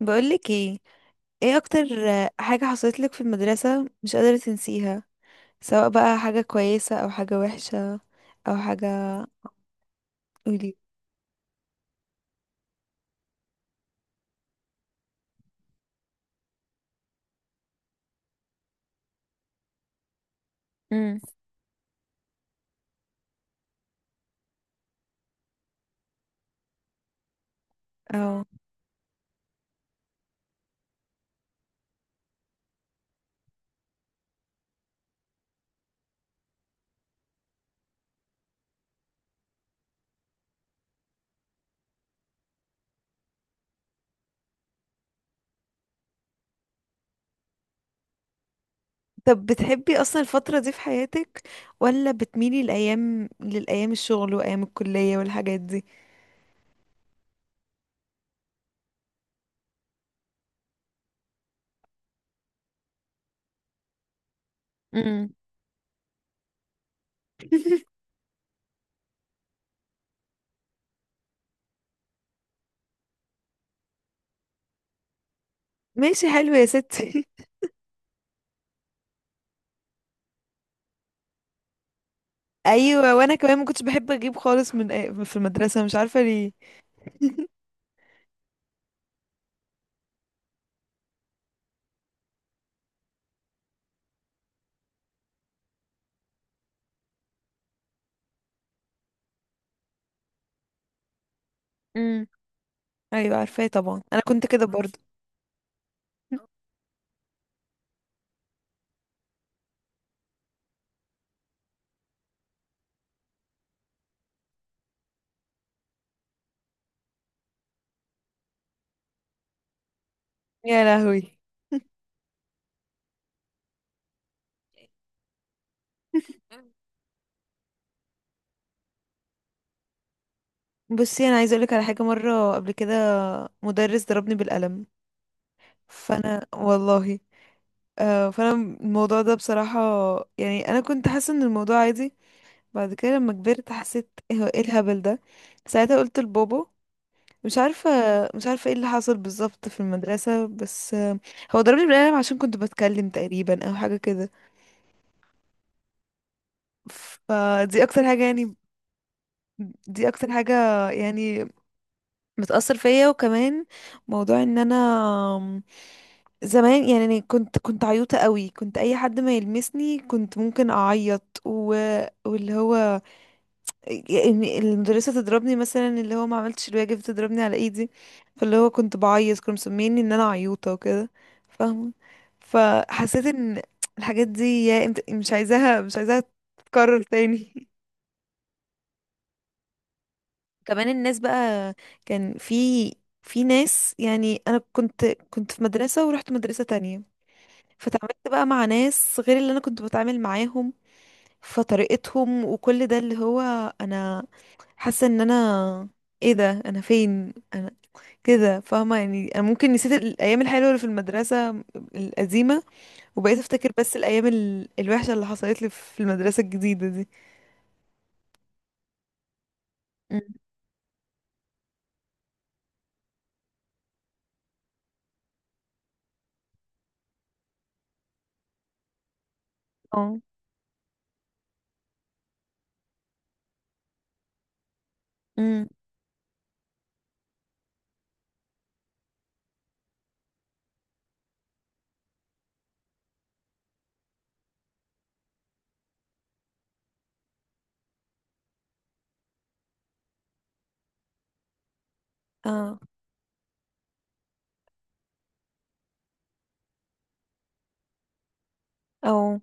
بقولك ايه، ايه اكتر حاجة حصلت لك في المدرسة مش قادرة تنسيها؟ سواء بقى حاجة كويسة او حاجة وحشة او حاجة. قولي. امم. اه. طب بتحبي اصلا الفترة دي في حياتك؟ ولا بتميلي الايام للايام الشغل وايام الكلية والحاجات دي؟ امم. ماشي حلو يا ستي. ايوه وانا كمان ما كنتش بحب اجيب خالص من في المدرسه، مش عارفه ليه. امم. ايوه عارفاه طبعا، انا كنت كده برضه. يا لهوي. بصي انا عايزه اقولك على حاجه مره قبل كده، مدرس ضربني بالقلم. فانا والله آه فانا الموضوع ده بصراحه، يعني انا كنت حاسه ان الموضوع عادي، بعد كده لما كبرت حسيت إيه الهبل ده. ساعتها قلت لبابا مش عارفة، مش عارفة ايه اللي حصل بالظبط في المدرسة، بس هو ضربني بالقلم عشان كنت بتكلم تقريبا او حاجة كده. فدي اكتر حاجة يعني، دي اكتر حاجة يعني بتأثر فيا. وكمان موضوع ان انا آم، زمان يعني أنا كنت عيوطة قوي، كنت اي حد ما يلمسني كنت ممكن اعيط واللي هو يعني المدرسة تضربني، مثلا اللي هو ما عملتش الواجب تضربني على ايدي، فاللي هو كنت بعيط، كانوا مسميني ان انا عيوطة وكده، فاهمة. فحسيت ان الحاجات دي يا انت مش عايزاها تتكرر تاني. كمان الناس بقى، كان في ناس، يعني انا كنت، كنت في مدرسة ورحت مدرسة تانية، فتعاملت بقى مع ناس غير اللي انا كنت بتعامل معاهم، فطريقتهم وكل ده اللي هو، انا حاسه ان انا ايه ده، انا فين انا كده، فاهمه؟ يعني انا ممكن نسيت الايام الحلوه اللي في المدرسه القديمه، وبقيت افتكر بس الايام الوحشه اللي حصلت لي في المدرسه الجديده دي. أم. اه. أم. اه. او.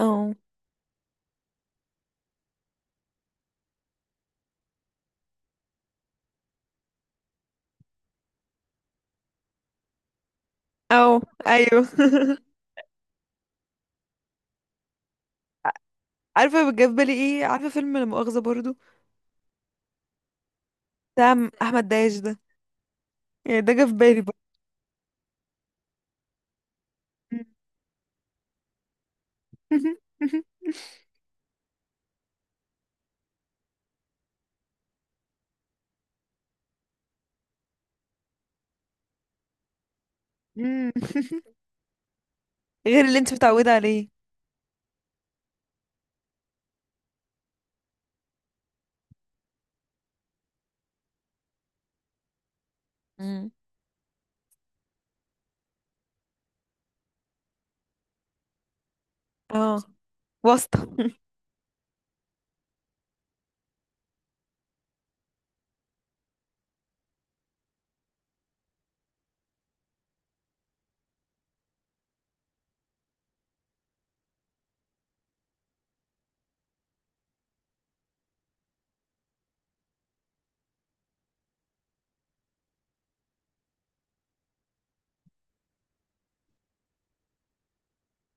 او. او ايوه. عارفه جاب بالي ايه؟ عارفه فيلم لا مؤاخذه برضو؟ بتاع احمد داش ده، يعني ده جه في بالي برضو. أم. غير اللي انت متعوده عليه. مم. اه، واسطه.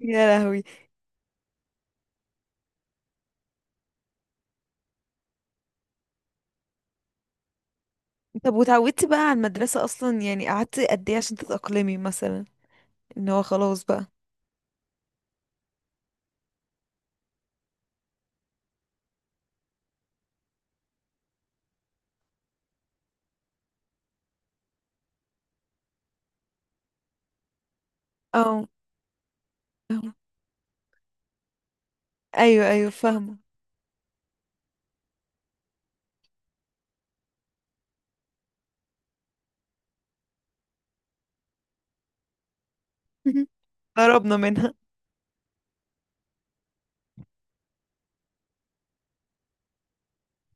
يا لهوي. طب وتعودتي بقى على المدرسة أصلا؟ يعني قعدتي قد إيه عشان تتأقلمي مثلا، إن هو خلاص بقى. اه. آه. أيوه أيوه، فاهمة. قربنا منها.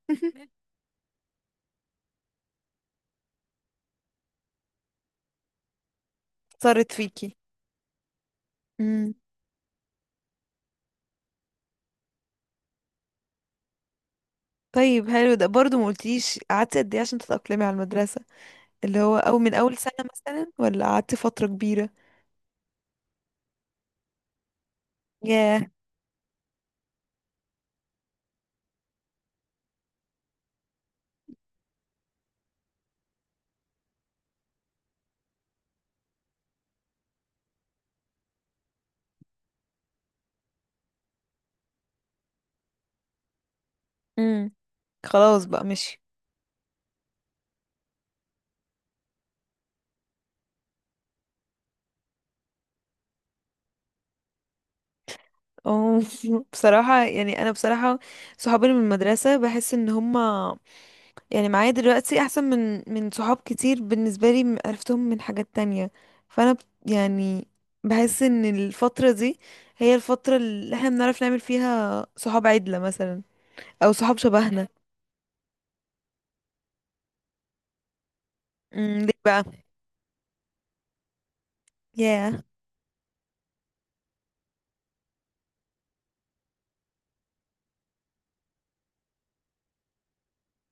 اثرت فيكي. امم. طيب حلو، ده برضه ما قلتيش قعدتي قد ايه عشان تتأقلمي على المدرسة، اللي هو او من اول سنة مثلا ولا قعدتي فترة كبيرة؟ ياه. امم. خلاص بقى مشي. أوه. بصراحة يعني انا بصراحة صحابي اللي من المدرسة، بحس ان هما يعني معايا دلوقتي احسن من صحاب كتير بالنسبه لي عرفتهم من حاجات تانية. فانا ب- يعني بحس ان الفتره دي هي الفتره اللي احنا بنعرف نعمل فيها صحاب عدله مثلا، او صحاب شبهنا. امم، ليه بقى؟ ياه.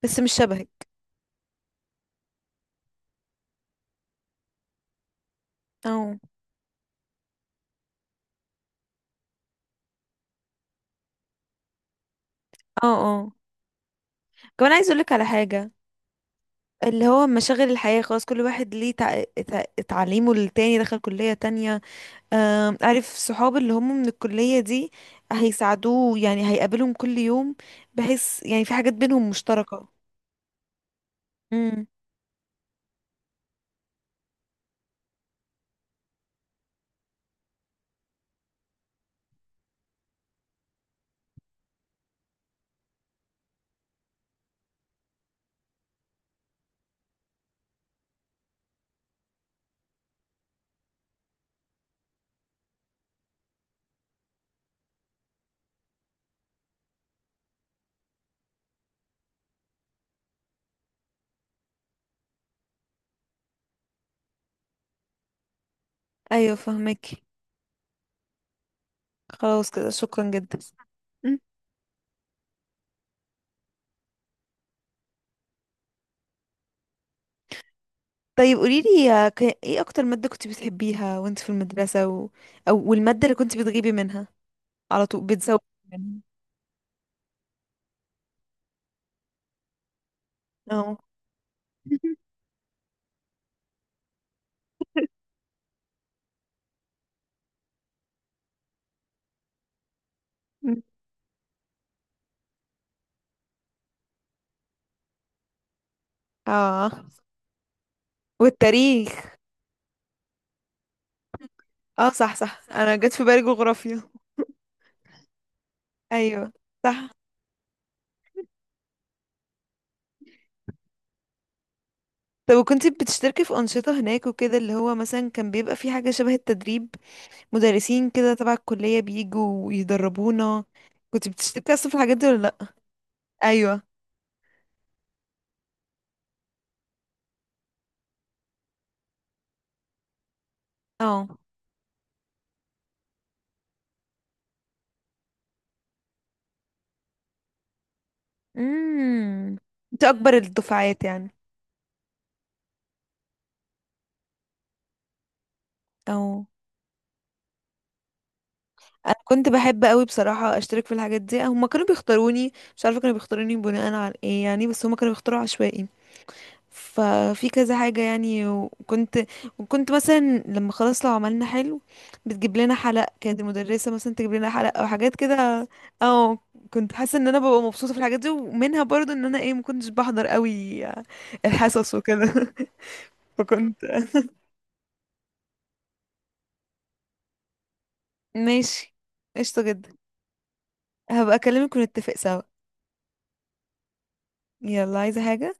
بس مش شبهك. او. اه اه. كمان عايز اقولك على حاجه، اللي هو مشاغل الحياه خلاص، كل واحد ليه تعليمه، للتاني دخل كليه تانية. عارف صحاب اللي هم من الكلية دي هيساعدوه، يعني هيقابلهم كل يوم، بحيث يعني في حاجات بينهم مشتركة. امم. ايوه فهمك، خلاص كده شكرا جدا. مم. طيب قوليلي يا ايه اكتر مادة كنت بتحبيها وانت في المدرسة؟ او والمادة اللي كنت بتغيبي منها على طول، بتزوقي منها. اه. مم. اه. والتاريخ. اه صح صح، انا جت في بالي جغرافيا. ايوه، صح. طب وكنتي بتشتركي في أنشطة هناك وكده؟ اللي هو مثلا كان بيبقى في حاجة شبه التدريب، مدرسين كده تبع الكلية بيجوا ويدربونا، كنت بتشتركي أصلا في الحاجات دي ولا لأ؟ أيوه. اه. امم. انت أكبر الدفعات يعني. اه. أنا كنت بحب قوي بصراحة أشترك في الحاجات دي، هما كانوا بيختاروني، مش عارفة كانوا بيختاروني بناء على ايه يعني، بس هما كانوا بيختاروا عشوائي، ففي كذا حاجة يعني. وكنت، وكنت مثلا لما خلاص لو عملنا حلو بتجيب لنا حلق، كانت المدرسة مثلا تجيب لنا حلق او حاجات كده. اه. كنت حاسة ان انا ببقى مبسوطة في الحاجات دي، ومنها برضو ان انا ايه، ما كنتش بحضر قوي الحصص وكده. فكنت. ماشي، قشطة جدا. هبقى اكلمك ونتفق سوا. يلا، عايزة حاجة؟